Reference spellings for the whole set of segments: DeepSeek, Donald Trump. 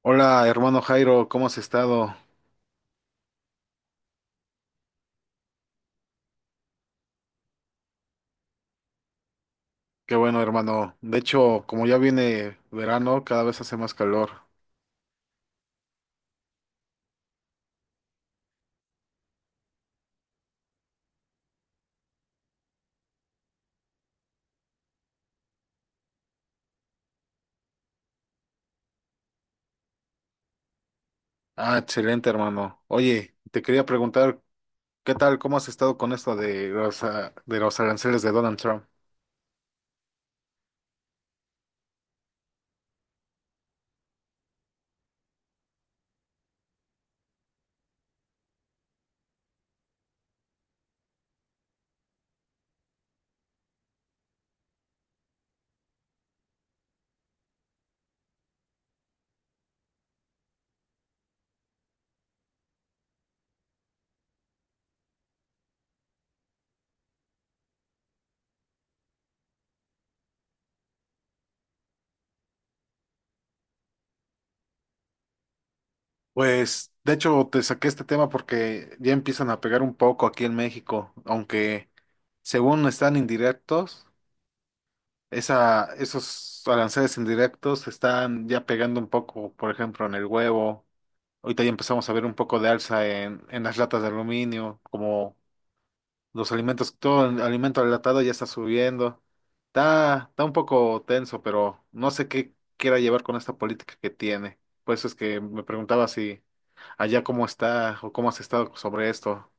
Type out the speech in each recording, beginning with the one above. Hola, hermano Jairo, ¿cómo has estado? Qué bueno, hermano. De hecho, como ya viene verano, cada vez hace más calor. Ah, excelente, hermano. Oye, te quería preguntar, ¿qué tal? ¿Cómo has estado con esto de los aranceles de Donald Trump? Pues, de hecho, te saqué este tema porque ya empiezan a pegar un poco aquí en México, aunque según están indirectos, esos aranceles indirectos están ya pegando un poco, por ejemplo, en el huevo. Ahorita ya empezamos a ver un poco de alza en las latas de aluminio, como los alimentos, todo el alimento enlatado ya está subiendo. Está un poco tenso, pero no sé qué quiera llevar con esta política que tiene. Por eso es que me preguntaba si allá cómo está o cómo has estado sobre esto.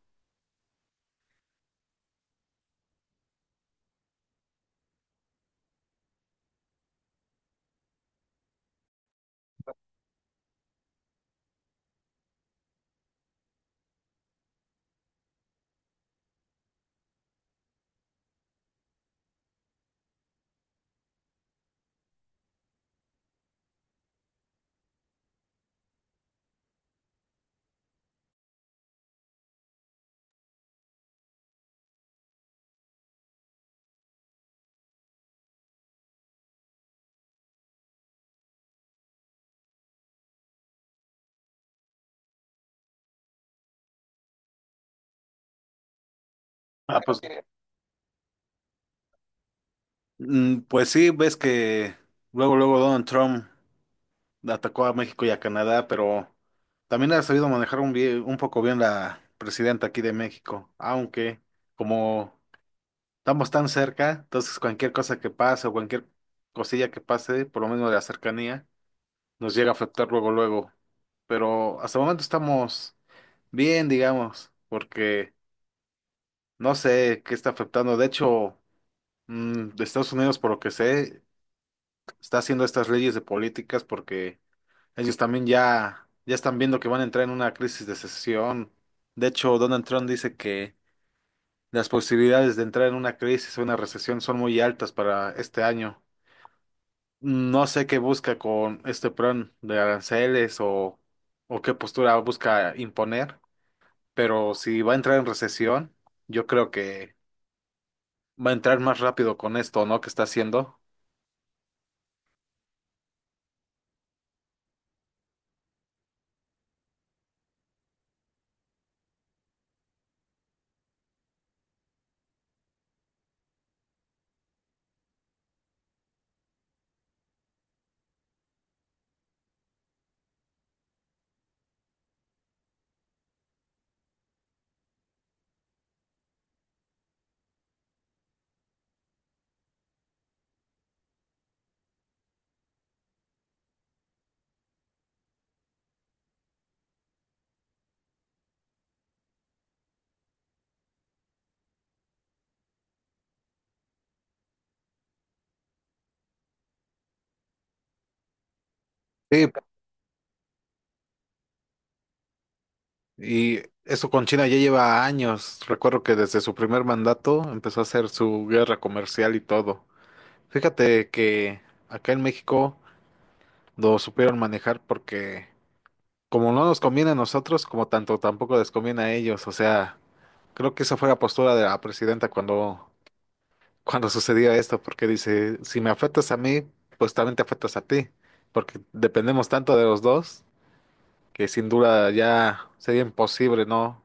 Ah, pues, pues sí, ves que luego, luego Donald Trump atacó a México y a Canadá, pero también ha sabido manejar un poco bien la presidenta aquí de México, aunque como estamos tan cerca, entonces cualquier cosa que pase o cualquier cosilla que pase, por lo menos de la cercanía, nos llega a afectar luego, luego. Pero hasta el momento estamos bien, digamos, porque no sé qué está afectando. De hecho, de Estados Unidos, por lo que sé, está haciendo estas leyes de políticas porque ellos también ya están viendo que van a entrar en una crisis de recesión. De hecho, Donald Trump dice que las posibilidades de entrar en una crisis o una recesión son muy altas para este año. No sé qué busca con este plan de aranceles, o qué postura busca imponer, pero si va a entrar en recesión, yo creo que va a entrar más rápido con esto, ¿no?, ¿que está haciendo? Sí. Y eso con China ya lleva años. Recuerdo que desde su primer mandato empezó a hacer su guerra comercial y todo. Fíjate que acá en México lo supieron manejar porque como no nos conviene a nosotros, como tanto tampoco les conviene a ellos. O sea, creo que esa fue la postura de la presidenta cuando sucedió esto, porque dice, si me afectas a mí, pues también te afectas a ti, porque dependemos tanto de los dos que sin duda ya sería imposible, ¿no?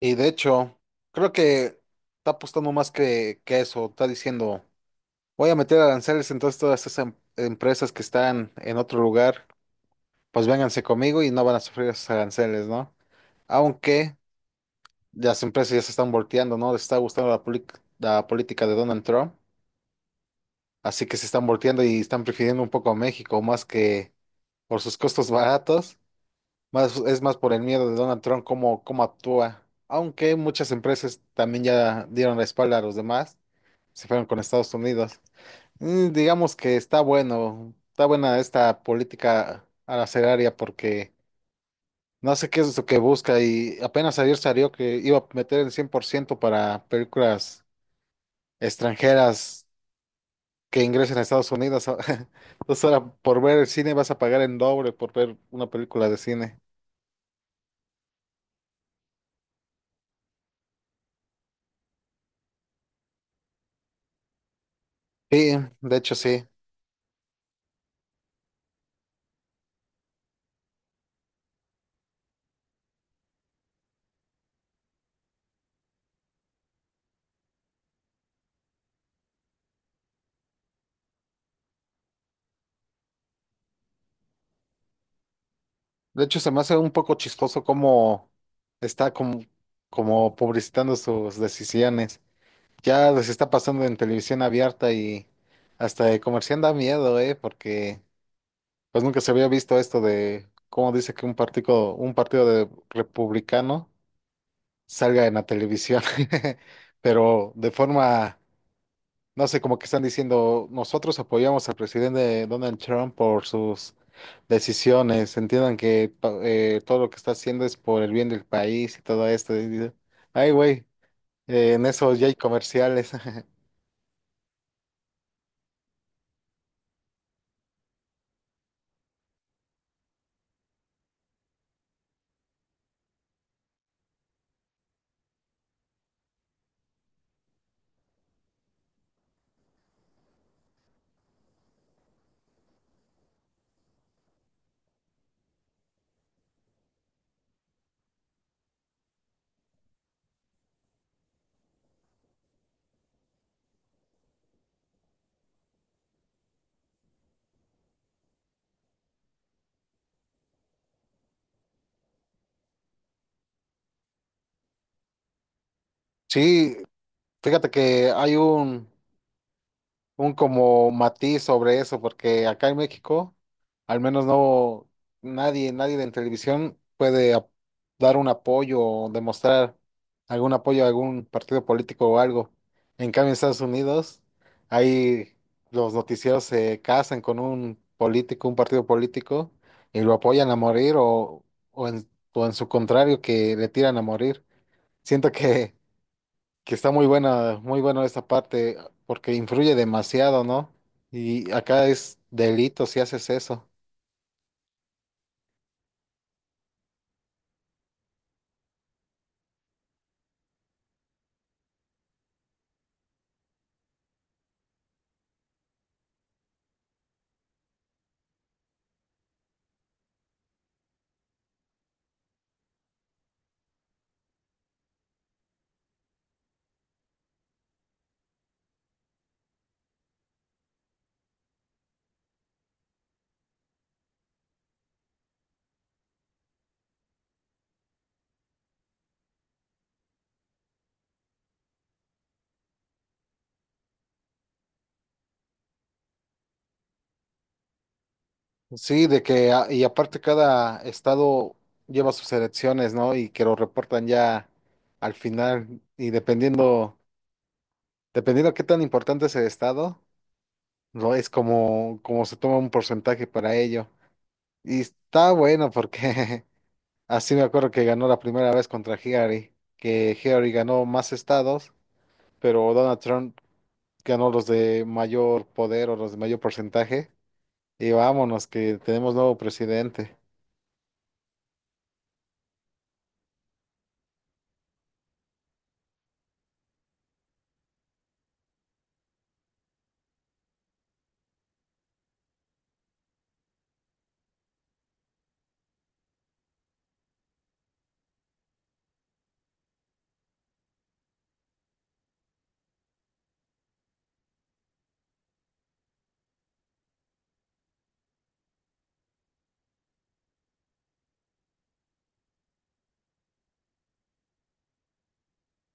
Y de hecho, creo que está apostando más que eso. Está diciendo, voy a meter aranceles, entonces todas esas empresas que están en otro lugar, pues vénganse conmigo y no van a sufrir esos aranceles, ¿no? Aunque las empresas ya se están volteando, ¿no? Les está gustando la política de Donald Trump, así que se están volteando y están prefiriendo un poco a México más que por sus costos baratos, más es más por el miedo de Donald Trump cómo actúa. Aunque muchas empresas también ya dieron la espalda a los demás, se fueron con Estados Unidos. Digamos que está bueno, está buena esta política arancelaria porque no sé qué es lo que busca y apenas ayer salió que iba a meter el 100% para películas extranjeras que ingresen a Estados Unidos. Entonces ahora por ver el cine vas a pagar en doble por ver una película de cine. Sí. De hecho se me hace un poco chistoso cómo está como publicitando sus decisiones. Ya les está pasando en televisión abierta y hasta de comerciante da miedo, porque pues nunca se había visto esto de cómo dice que un partido de republicano salga en la televisión, pero de forma. No sé, como que están diciendo, nosotros apoyamos al presidente Donald Trump por sus decisiones. Entiendan que todo lo que está haciendo es por el bien del país y todo esto. Y digo, ay, güey, en eso ya hay comerciales. Sí, fíjate que hay un como matiz sobre eso, porque acá en México, al menos no nadie en televisión puede dar un apoyo o demostrar algún apoyo a algún partido político o algo. En cambio, en Estados Unidos, ahí los noticieros se casan con un político, un partido político, y lo apoyan a morir, o en su contrario, que le tiran a morir. Siento que está muy buena esta parte, porque influye demasiado, ¿no? Y acá es delito si haces eso. Sí, de que, y aparte cada estado lleva sus elecciones, ¿no? Y que lo reportan ya al final, y dependiendo qué tan importante es el estado, no es como se toma un porcentaje para ello. Y está bueno porque así me acuerdo que ganó la primera vez contra Hillary, que Hillary ganó más estados, pero Donald Trump ganó los de mayor poder o los de mayor porcentaje. Y vámonos, que tenemos nuevo presidente.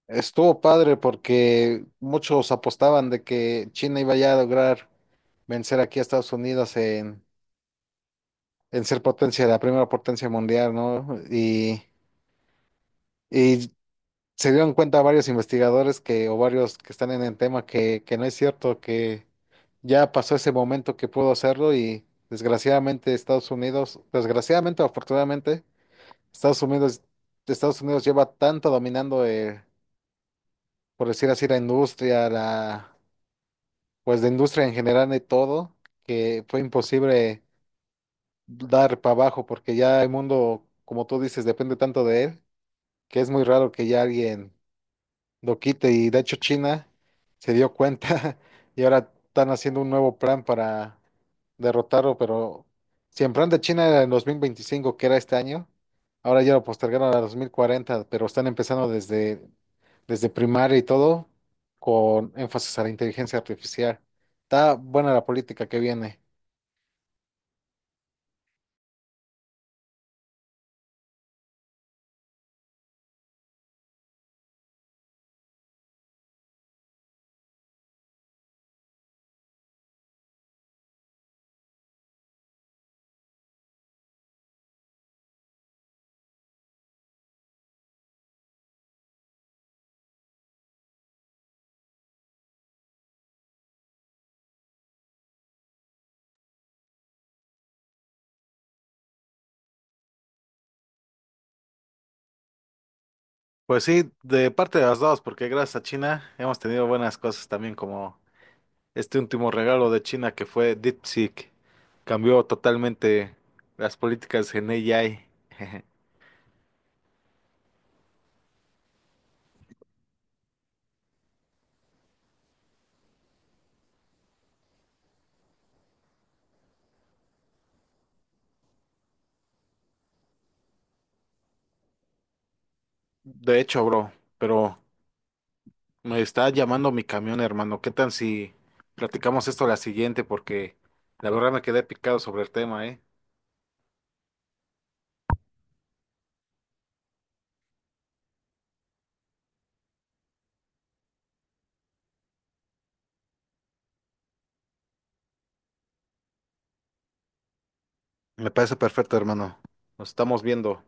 Estuvo padre porque muchos apostaban de que China iba ya a lograr vencer aquí a Estados Unidos en ser potencia, la primera potencia mundial, ¿no? Y se dieron cuenta varios investigadores que, o varios que están en el tema que no es cierto, que ya pasó ese momento que pudo hacerlo y desgraciadamente Estados Unidos, desgraciadamente o afortunadamente, Estados Unidos, Estados Unidos lleva tanto dominando, por decir así, la industria, pues la industria en general de todo, que fue imposible dar para abajo, porque ya el mundo, como tú dices, depende tanto de él, que es muy raro que ya alguien lo quite. Y de hecho China se dio cuenta y ahora están haciendo un nuevo plan para derrotarlo, pero si el plan de China era en 2025, que era este año, ahora ya lo postergaron a 2040, pero están empezando desde primaria y todo, con énfasis a la inteligencia artificial. Está buena la política que viene. Pues sí, de parte de las dos, porque gracias a China hemos tenido buenas cosas también, como este último regalo de China que fue DeepSeek. Cambió totalmente las políticas en AI. De hecho, bro, pero me está llamando mi camión, hermano. ¿Qué tal si platicamos esto la siguiente? Porque la verdad me quedé picado sobre el tema, ¿eh? Me parece perfecto, hermano. Nos estamos viendo.